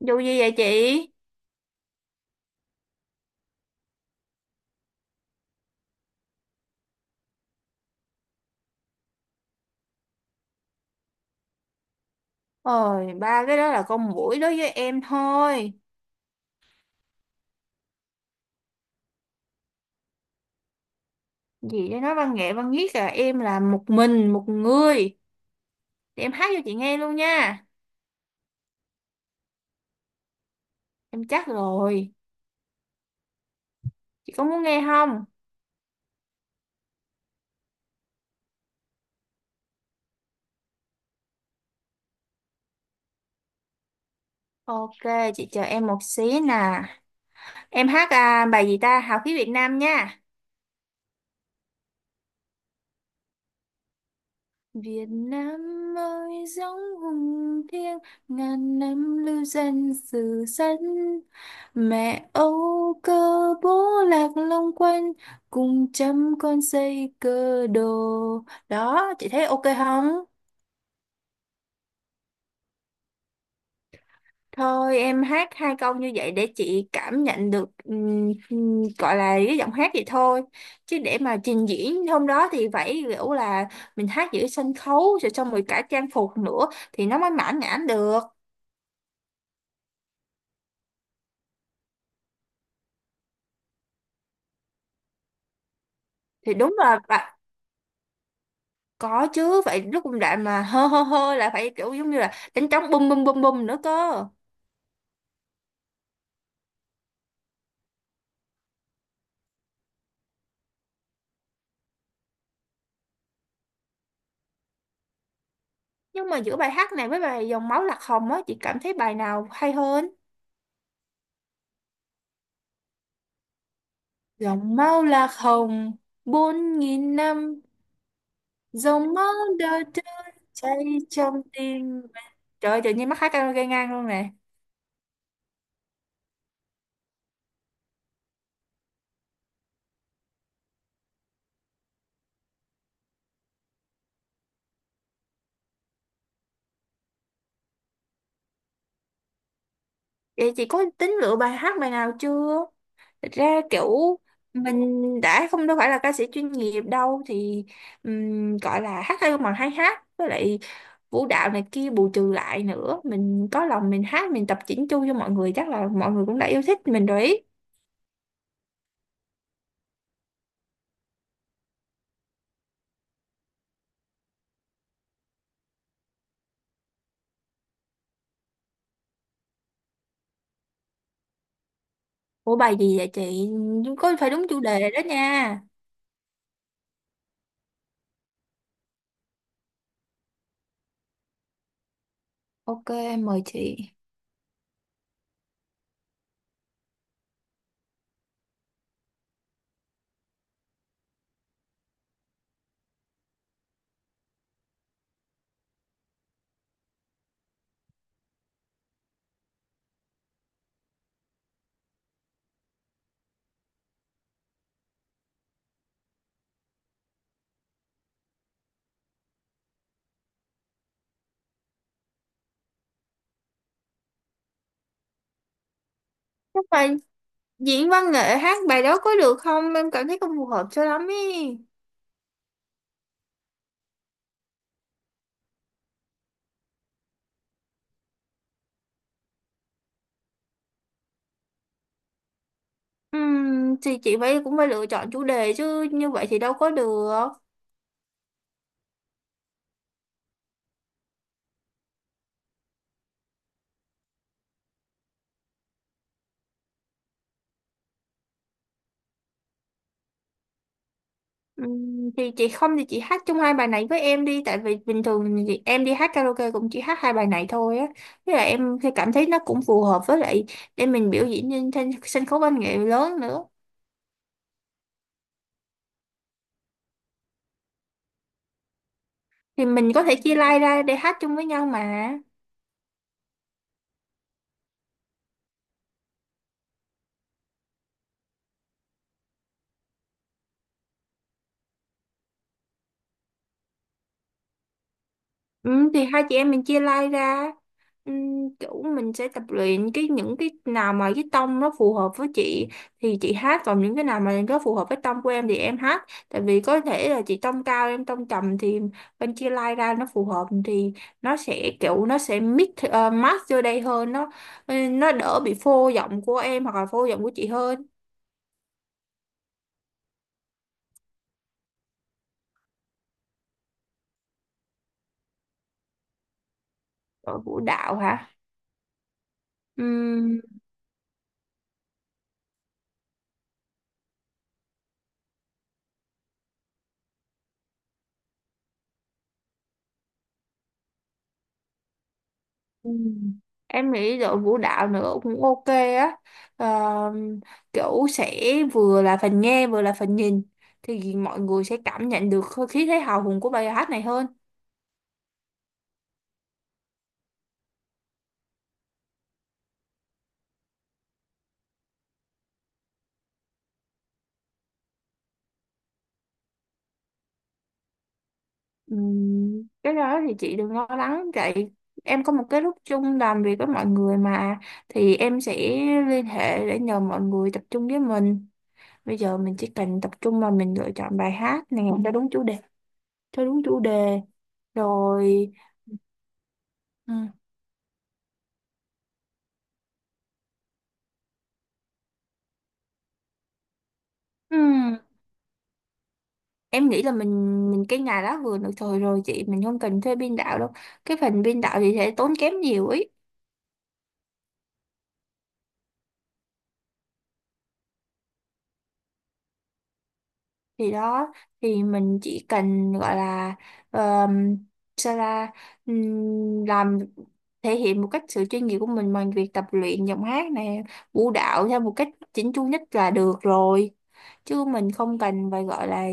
Dù gì vậy chị? Ôi, ba cái đó là con muỗi đối với em thôi. Gì để nói văn nghệ văn viết là em là một mình, một người. Thì em hát cho chị nghe luôn nha. Em chắc rồi. Chị có muốn nghe không? Ok, chị chờ em một xí nè. Em hát à, bài gì ta? Hào khí Việt Nam nha. Việt Nam ơi giống hùng thiêng ngàn năm lưu danh sử sách, mẹ Âu cơ, bố lạc long quân, cùng trăm con xây cơ đồ. Đó chị thấy ok không? Thôi em hát hai câu như vậy để chị cảm nhận được gọi là cái giọng hát vậy thôi, chứ để mà trình diễn hôm đó thì phải kiểu là mình hát giữa sân khấu rồi xong rồi cả trang phục nữa thì nó mới mãn nhãn được. Thì đúng là bạn, có chứ, vậy lúc công đoạn mà hơ hơ hơ là phải kiểu giống như là đánh trống bum bum bum bum nữa cơ. Nhưng mà giữa bài hát này với bài dòng máu lạc hồng á chị cảm thấy bài nào hay hơn? Dòng máu lạc hồng bốn nghìn năm, dòng máu đời trơ chảy trong tim mình. Trời ơi, tự nhiên mắc hát karaoke ngang luôn nè. Vậy chị có tính lựa bài hát bài nào chưa? Thật ra kiểu mình đã không đâu phải là ca sĩ chuyên nghiệp đâu thì gọi là hát hay mà hay hát, với lại vũ đạo này kia bù trừ lại nữa, mình có lòng mình hát mình tập chỉnh chu cho mọi người chắc là mọi người cũng đã yêu thích mình rồi ý. Ủa bài gì vậy chị? Có phải đúng chủ đề đó nha. Ok, em mời chị. Chắc là diễn văn nghệ hát bài đó có được không, em cảm thấy không phù hợp cho lắm ý. Thì chị phải cũng phải lựa chọn chủ đề chứ, như vậy thì đâu có được. Thì chị không thì chị hát chung hai bài này với em đi, tại vì bình thường thì em đi hát karaoke cũng chỉ hát hai bài này thôi á, với lại em thì cảm thấy nó cũng phù hợp, với lại để mình biểu diễn trên sân khấu văn nghệ lớn nữa thì mình có thể chia line ra để hát chung với nhau mà. Ừ, thì hai chị em mình chia like ra, ừ, kiểu mình sẽ tập luyện cái những cái nào mà cái tông nó phù hợp với chị thì chị hát, còn những cái nào mà nó phù hợp với tông của em thì em hát, tại vì có thể là chị tông cao em tông trầm thì bên chia like ra nó phù hợp thì nó sẽ kiểu nó sẽ mix match vô đây hơn, nó ừ, nó đỡ bị phô giọng của em hoặc là phô giọng của chị hơn. Ở vũ đạo hả? Ừ. Em nghĩ đội vũ đạo nữa cũng ok á. Ờ, kiểu sẽ vừa là phần nghe vừa là phần nhìn thì mọi người sẽ cảm nhận được hơi khí thế hào hùng của bài hát này hơn. Ừ, cái đó thì chị đừng lo lắng vậy, em có một cái lúc chung làm việc với mọi người mà, thì em sẽ liên hệ để nhờ mọi người tập trung với mình. Bây giờ mình chỉ cần tập trung mà mình lựa chọn bài hát này cho đúng chủ đề rồi ừ. Ừ. Em nghĩ là mình cái ngày đó vừa được thời rồi chị, mình không cần thuê biên đạo đâu, cái phần biên đạo thì sẽ tốn kém nhiều ấy. Thì đó, thì mình chỉ cần gọi là um, sao ra làm, thể hiện một cách sự chuyên nghiệp của mình bằng việc tập luyện giọng hát này, vũ đạo theo một cách chỉnh chu nhất là được rồi, chứ mình không cần phải gọi là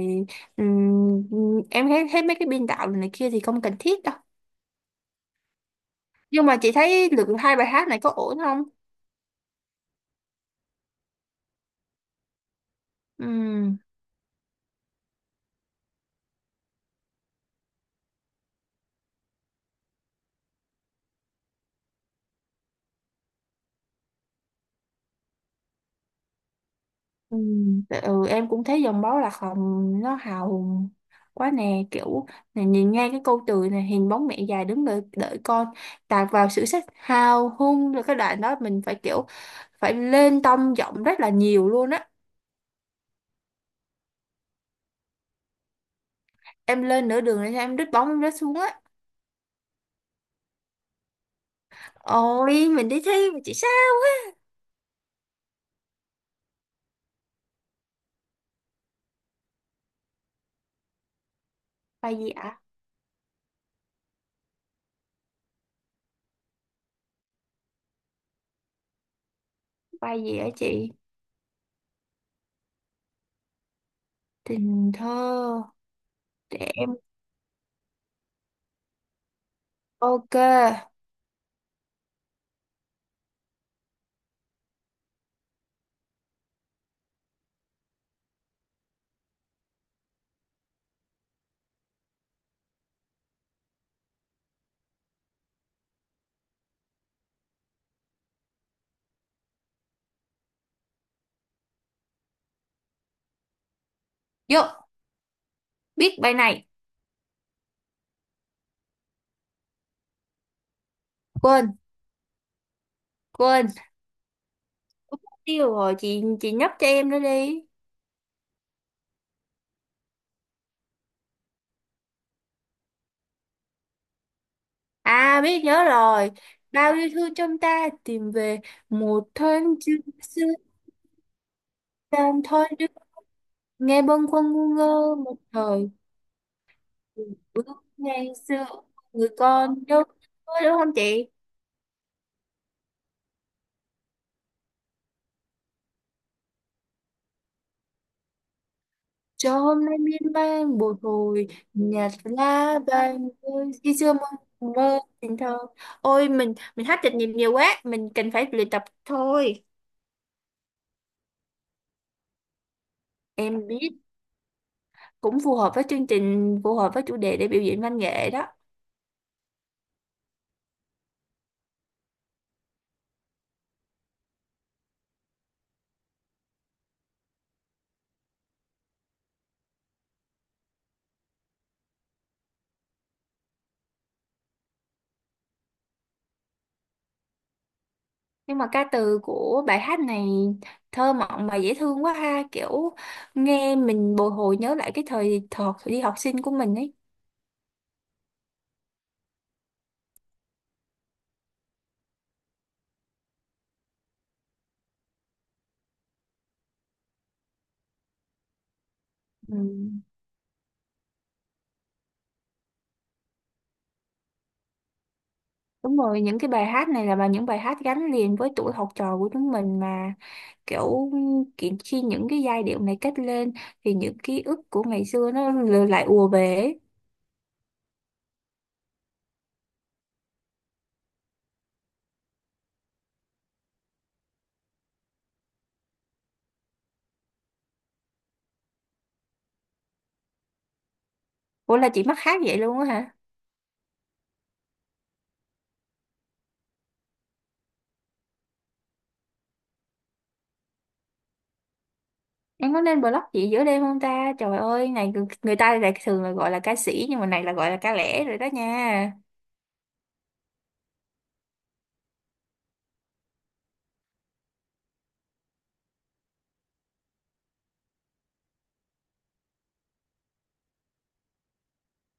em thấy thấy mấy cái biên đạo này kia thì không cần thiết đâu. Nhưng mà chị thấy lượt hai bài hát này có ổn không? Ừm. Ừ, em cũng thấy dòng máu lạc hồng nó hào hùng quá nè, kiểu này, nhìn ngay cái câu từ này hình bóng mẹ già đứng đợi đợi con, tạt vào sự sắc hào hung rồi cái đoạn đó mình phải kiểu phải lên tông giọng rất là nhiều luôn á. Em lên nửa đường là em đứt bóng em rớt xuống á. Ôi mình đi thi mà chị sao? Bài gì ạ? Bài gì ạ chị? Tình thơ. Để em ok vô, biết bài này. Quên, quên mất tiêu rồi chị nhấp cho em nữa đi. À biết nhớ rồi. Bao yêu thương trong ta tìm về. Một thoáng chư xưa tam thôi đức. Nghe bâng khuâng ngu ngơ một thời. Bước ngày xưa người con đâu, thôi đúng không chị? Cho hôm nay miên man bồi hồi, nhạt lá vàng rơi, khi xưa mơ mơ tình thơ. Ôi mình hát chạch nhịp nhiều quá, mình cần phải luyện tập thôi. Em biết, cũng phù hợp với chương trình, phù hợp với chủ đề để biểu diễn văn nghệ đó. Nhưng mà ca từ của bài hát này thơ mộng mà dễ thương quá ha, kiểu nghe mình bồi hồi nhớ lại cái thời thời đi học sinh của mình ấy. Ừ. Đúng rồi, những cái bài hát này là những bài hát gắn liền với tuổi học trò của chúng mình mà, kiểu kiện khi những cái giai điệu này kết lên thì những ký ức của ngày xưa nó lại ùa về ấy. Ủa là chị mắc hát vậy luôn á hả? Em có nên blog chị giữa đêm không ta? Trời ơi, này người người ta lại thường là gọi là ca sĩ, nhưng mà này là gọi là ca lẻ rồi đó nha.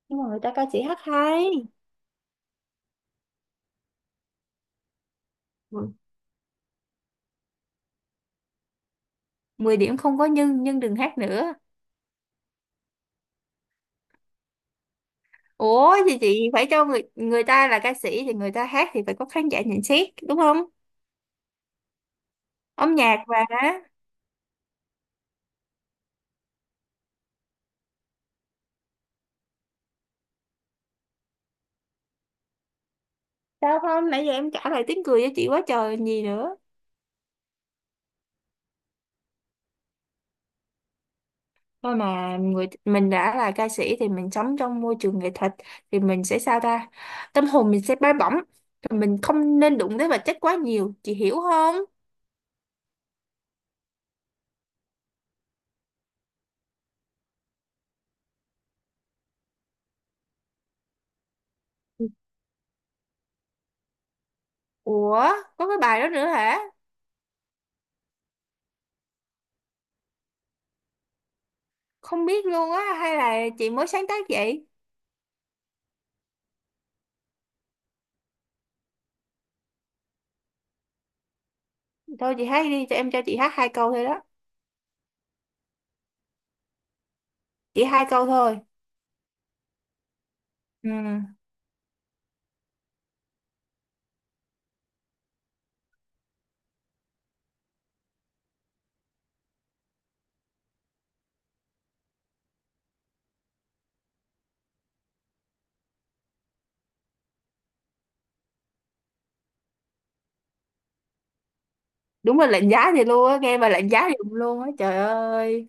Nhưng mà người ta ca sĩ hát hay. Ừ. Mười điểm không có, nhưng đừng hát nữa. Ủa thì chị phải cho người người ta là ca sĩ thì người ta hát thì phải có khán giả nhận xét đúng không? Âm nhạc và sao không, nãy giờ em trả lời tiếng cười cho chị quá trời còn gì nữa. Thôi mà, người mình đã là ca sĩ thì mình sống trong môi trường nghệ thuật thì mình sẽ sao ta, tâm hồn mình sẽ bay bổng. Thì mình không nên đụng tới vật chất quá nhiều, chị hiểu không? Ủa có cái bài đó nữa hả? Không biết luôn á, hay là chị mới sáng tác vậy? Thôi chị hát đi, cho em cho chị hát hai câu thôi đó. Chỉ hai câu thôi. Ừ. Đúng là lạnh giá thì luôn á, nghe mà lạnh giá dùm luôn á trời ơi.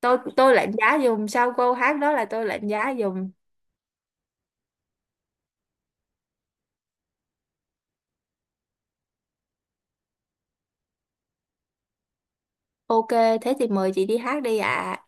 Tôi lạnh giá dùm, sau câu hát đó là tôi lạnh giá dùm. Ok, thế thì mời chị đi hát đi ạ.